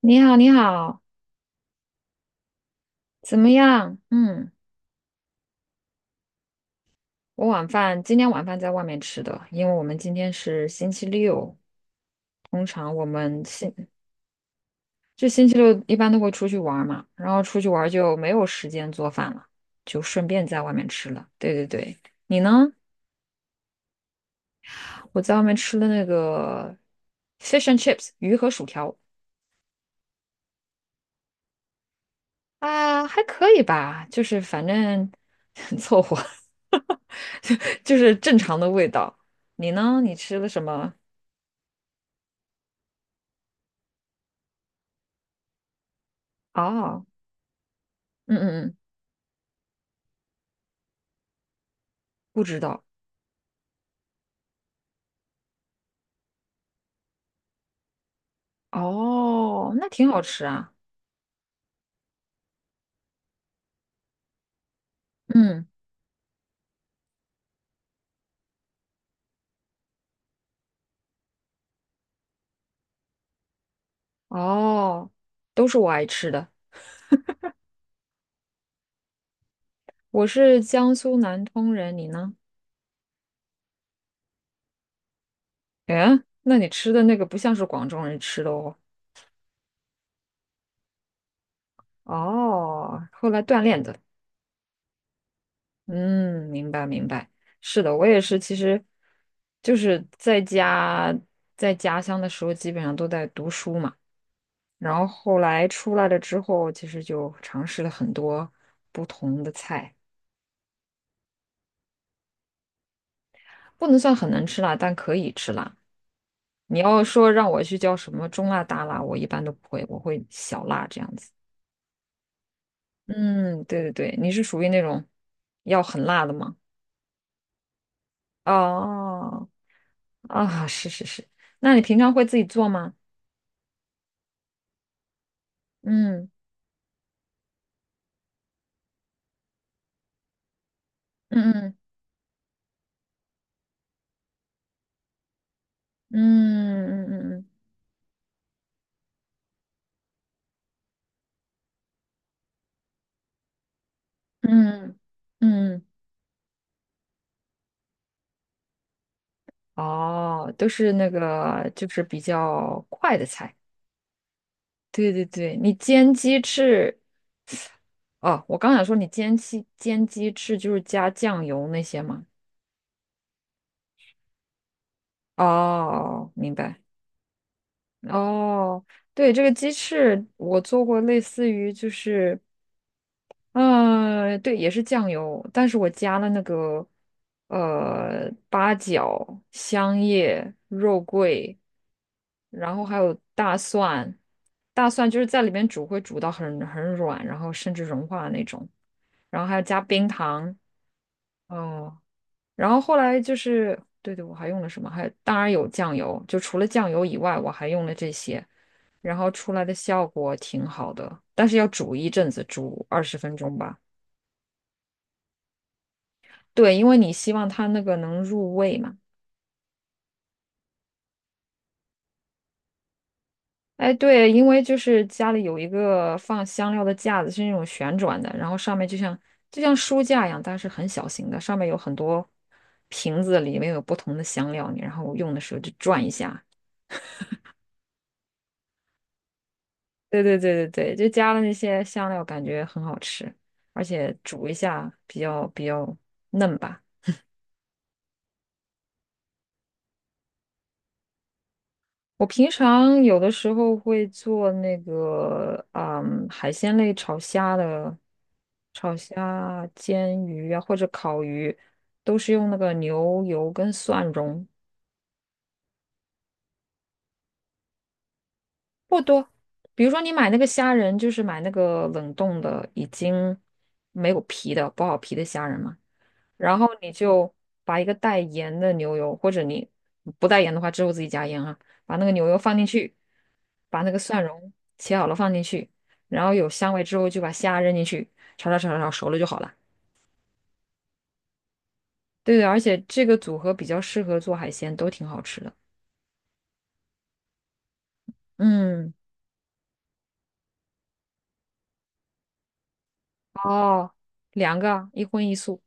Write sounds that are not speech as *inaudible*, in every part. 你好，你好，怎么样？嗯，我晚饭今天晚饭在外面吃的，因为我们今天是星期六，通常我们星就星期六一般都会出去玩儿嘛，然后出去玩儿就没有时间做饭了，就顺便在外面吃了。对对对，你呢？我在外面吃了那个 fish and chips 鱼和薯条啊，还可以吧，就是反正 *laughs* 凑合，*laughs* 就就是正常的味道。你呢？你吃了什么？哦，嗯嗯嗯，不知道。哦，那挺好吃啊。嗯嗯哦，都是我爱吃的。我是江苏南通人，你呢？哎，那你吃的那个不像是广州人吃的哦。哦，后来锻炼的。嗯，明白明白。是的，我也是。其实就是在家在家乡的时候，基本上都在读书嘛。然后后来出来了之后，其实就尝试了很多不同的菜。不能算很能吃辣，但可以吃辣。你要说让我去叫什么中辣、大辣，我一般都不会，我会小辣这样子。嗯，对对对，你是属于那种要很辣的吗？哦啊，是是是。那你平常会自己做吗？嗯嗯嗯嗯嗯嗯嗯嗯。哦，都是那个就是比较快的菜。对对对，你煎鸡翅哦，我刚想说你煎鸡翅就是加酱油那些吗？哦，明白。哦，对，这个鸡翅我做过，类似于就是，嗯、对，也是酱油，但是我加了那个呃八角、香叶、肉桂，然后还有大蒜，大蒜就是在里面煮会煮到很软，然后甚至融化的那种，然后还要加冰糖。哦，然后后来就是，对对，我还用了什么？还当然有酱油，就除了酱油以外，我还用了这些，然后出来的效果挺好的，但是要煮一阵子，煮20分钟吧。对，因为你希望它那个能入味嘛。哎，对，因为就是家里有一个放香料的架子，是那种旋转的，然后上面就像就像书架一样，但是很小型的，上面有很多瓶子，里面有不同的香料，你然后用的时候就转一下，对对对对对，就加了那些香料，感觉很好吃，而且煮一下比较嫩吧。我平常有的时候会做那个，嗯，海鲜类炒虾的，炒虾、煎鱼啊，或者烤鱼，都是用那个牛油跟蒜蓉。比如说你买那个虾仁，就是买那个冷冻的，已经没有皮的、剥好皮的虾仁嘛。然后你就把一个带盐的牛油，或者你不带盐的话，之后自己加盐啊，把那个牛油放进去，把那个蒜蓉切好了放进去，然后有香味之后就把虾扔进去，炒炒炒炒炒熟了就好了。对对，而且这个组合比较适合做海鲜，都挺好吃的。嗯，哦，两个，一荤一素。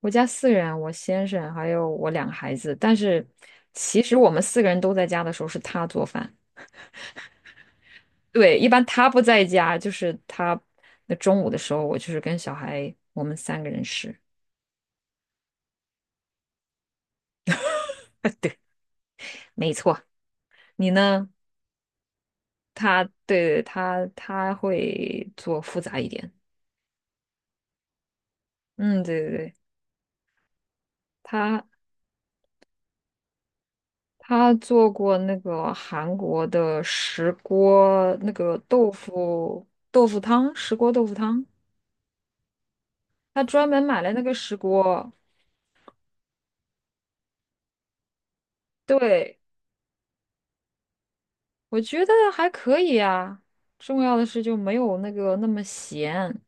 我家四个人，我先生还有我两个孩子，但是其实我们四个人都在家的时候是他做饭。对，一般他不在家，就是他那中午的时候，我就是跟小孩，我们三个人吃。*laughs* 对，没错。你呢？他对他他会做复杂一点。嗯，对对对，他他做过那个韩国的石锅那个豆腐汤，石锅豆腐汤，他专门买了那个石锅。对，我觉得还可以啊。重要的是就没有那个那么咸。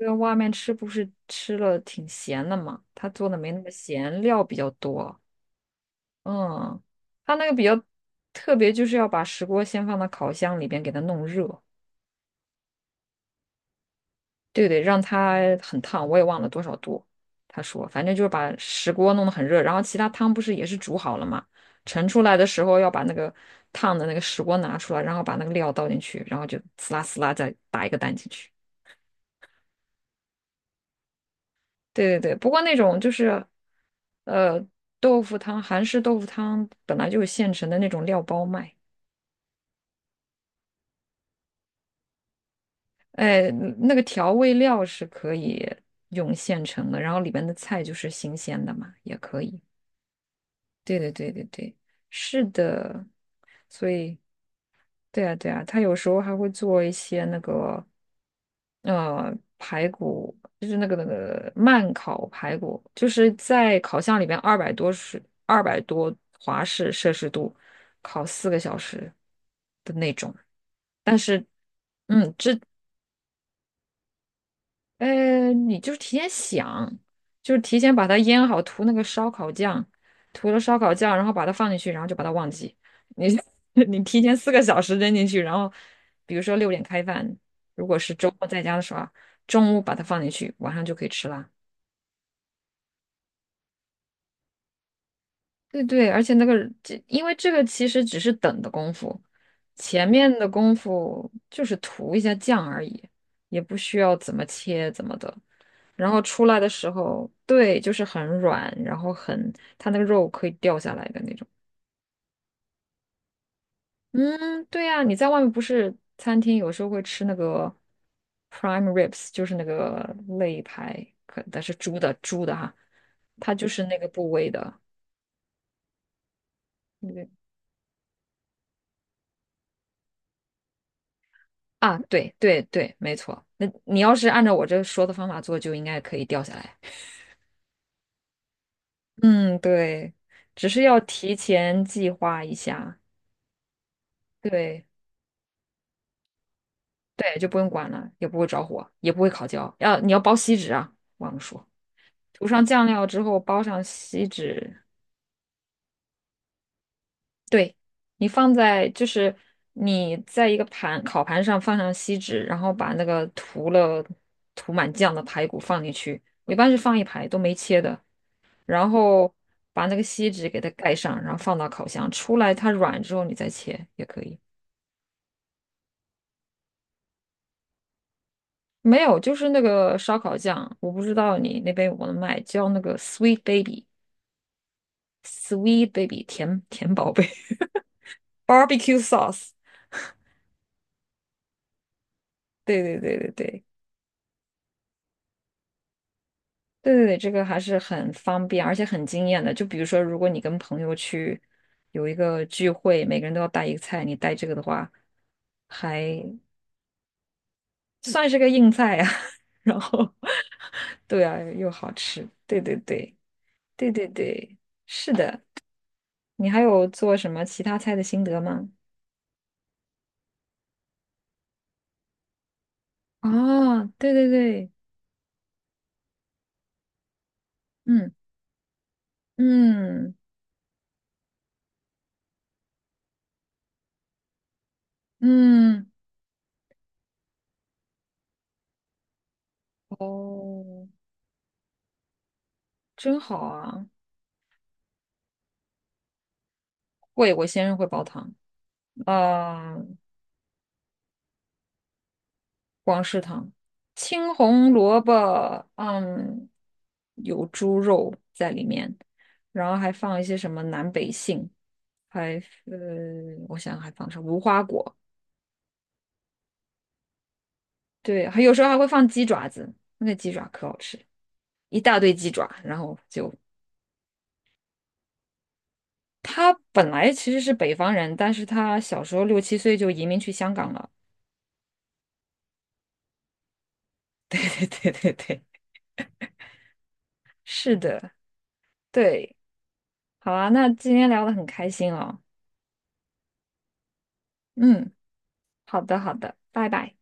因为外面吃不是吃了挺咸的嘛，他做的没那么咸，料比较多。嗯，他那个比较特别，就是要把石锅先放到烤箱里边给它弄热，对对，让它很烫，我也忘了多少度。他说，反正就是把石锅弄得很热，然后其他汤不是也是煮好了嘛，盛出来的时候要把那个烫的那个石锅拿出来，然后把那个料倒进去，然后就呲啦呲啦再打一个蛋进去。对对对，不过那种就是，呃，豆腐汤，韩式豆腐汤本来就是现成的那种料包卖，哎，那个调味料是可以用现成的，然后里面的菜就是新鲜的嘛，也可以。对对对对对，是的，所以对啊，对啊，他有时候还会做一些那个，呃，排骨，就是那个慢烤排骨，就是在烤箱里边二百多是200多华氏摄氏度烤四个小时的那种。嗯，这。呃，你就是提前想，就是提前把它腌好，涂那个烧烤酱，涂了烧烤酱，然后把它放进去，然后就把它忘记。你 *laughs* 你提前4个小时扔进去，然后比如说6点开饭，如果是周末在家的时候啊，中午把它放进去，晚上就可以吃啦。对对，而且那个这，因为这个其实只是等的功夫，前面的功夫就是涂一下酱而已，也不需要怎么切怎么的。然后出来的时候，对，就是很软，然后很，它那个肉可以掉下来的那种。嗯，对呀，你在外面不是餐厅有时候会吃那个 prime ribs,就是那个肋排，可但是猪的哈，它就是那个部位的。啊，对对对，没错。那你要是按照我这说的方法做，就应该可以掉下来。嗯，对，只是要提前计划一下。对对，就不用管了，也不会着火，也不会烤焦。要你要包锡纸啊，忘了说，涂上酱料之后包上锡纸。对，你放在就是你在一个盘烤盘上放上锡纸，然后把那个涂满酱的排骨放进去。我一般是放一排都没切的，然后把那个锡纸给它盖上，然后放到烤箱，出来它软之后你再切也可以。没有，就是那个烧烤酱，我不知道你那边有没有卖，叫那个 Sweet Baby，Sweet Baby 甜甜宝贝 *laughs*，Barbecue Sauce。对对对对对对对对，这个还是很方便，而且很惊艳的。就比如说，如果你跟朋友去有一个聚会，每个人都要带一个菜，你带这个的话，还算是个硬菜呀、*laughs* 然后，对啊，又好吃，对对对，对对对，是的。你还有做什么其他菜的心得吗？哦，对对对，嗯嗯嗯，哦，真好啊！会，我先生会煲汤。啊。广式汤，青红萝卜，嗯，有猪肉在里面，然后还放一些什么南北杏，还呃，我想还放上无花果，对，还有时候还会放鸡爪子，那个鸡爪可好吃，一大堆鸡爪，然后就他本来其实是北方人，但是他小时候6、7岁就移民去香港了，*laughs* 对对对对对，是的，对，好啊，那今天聊的很开心哦，嗯。好的，好的，拜拜。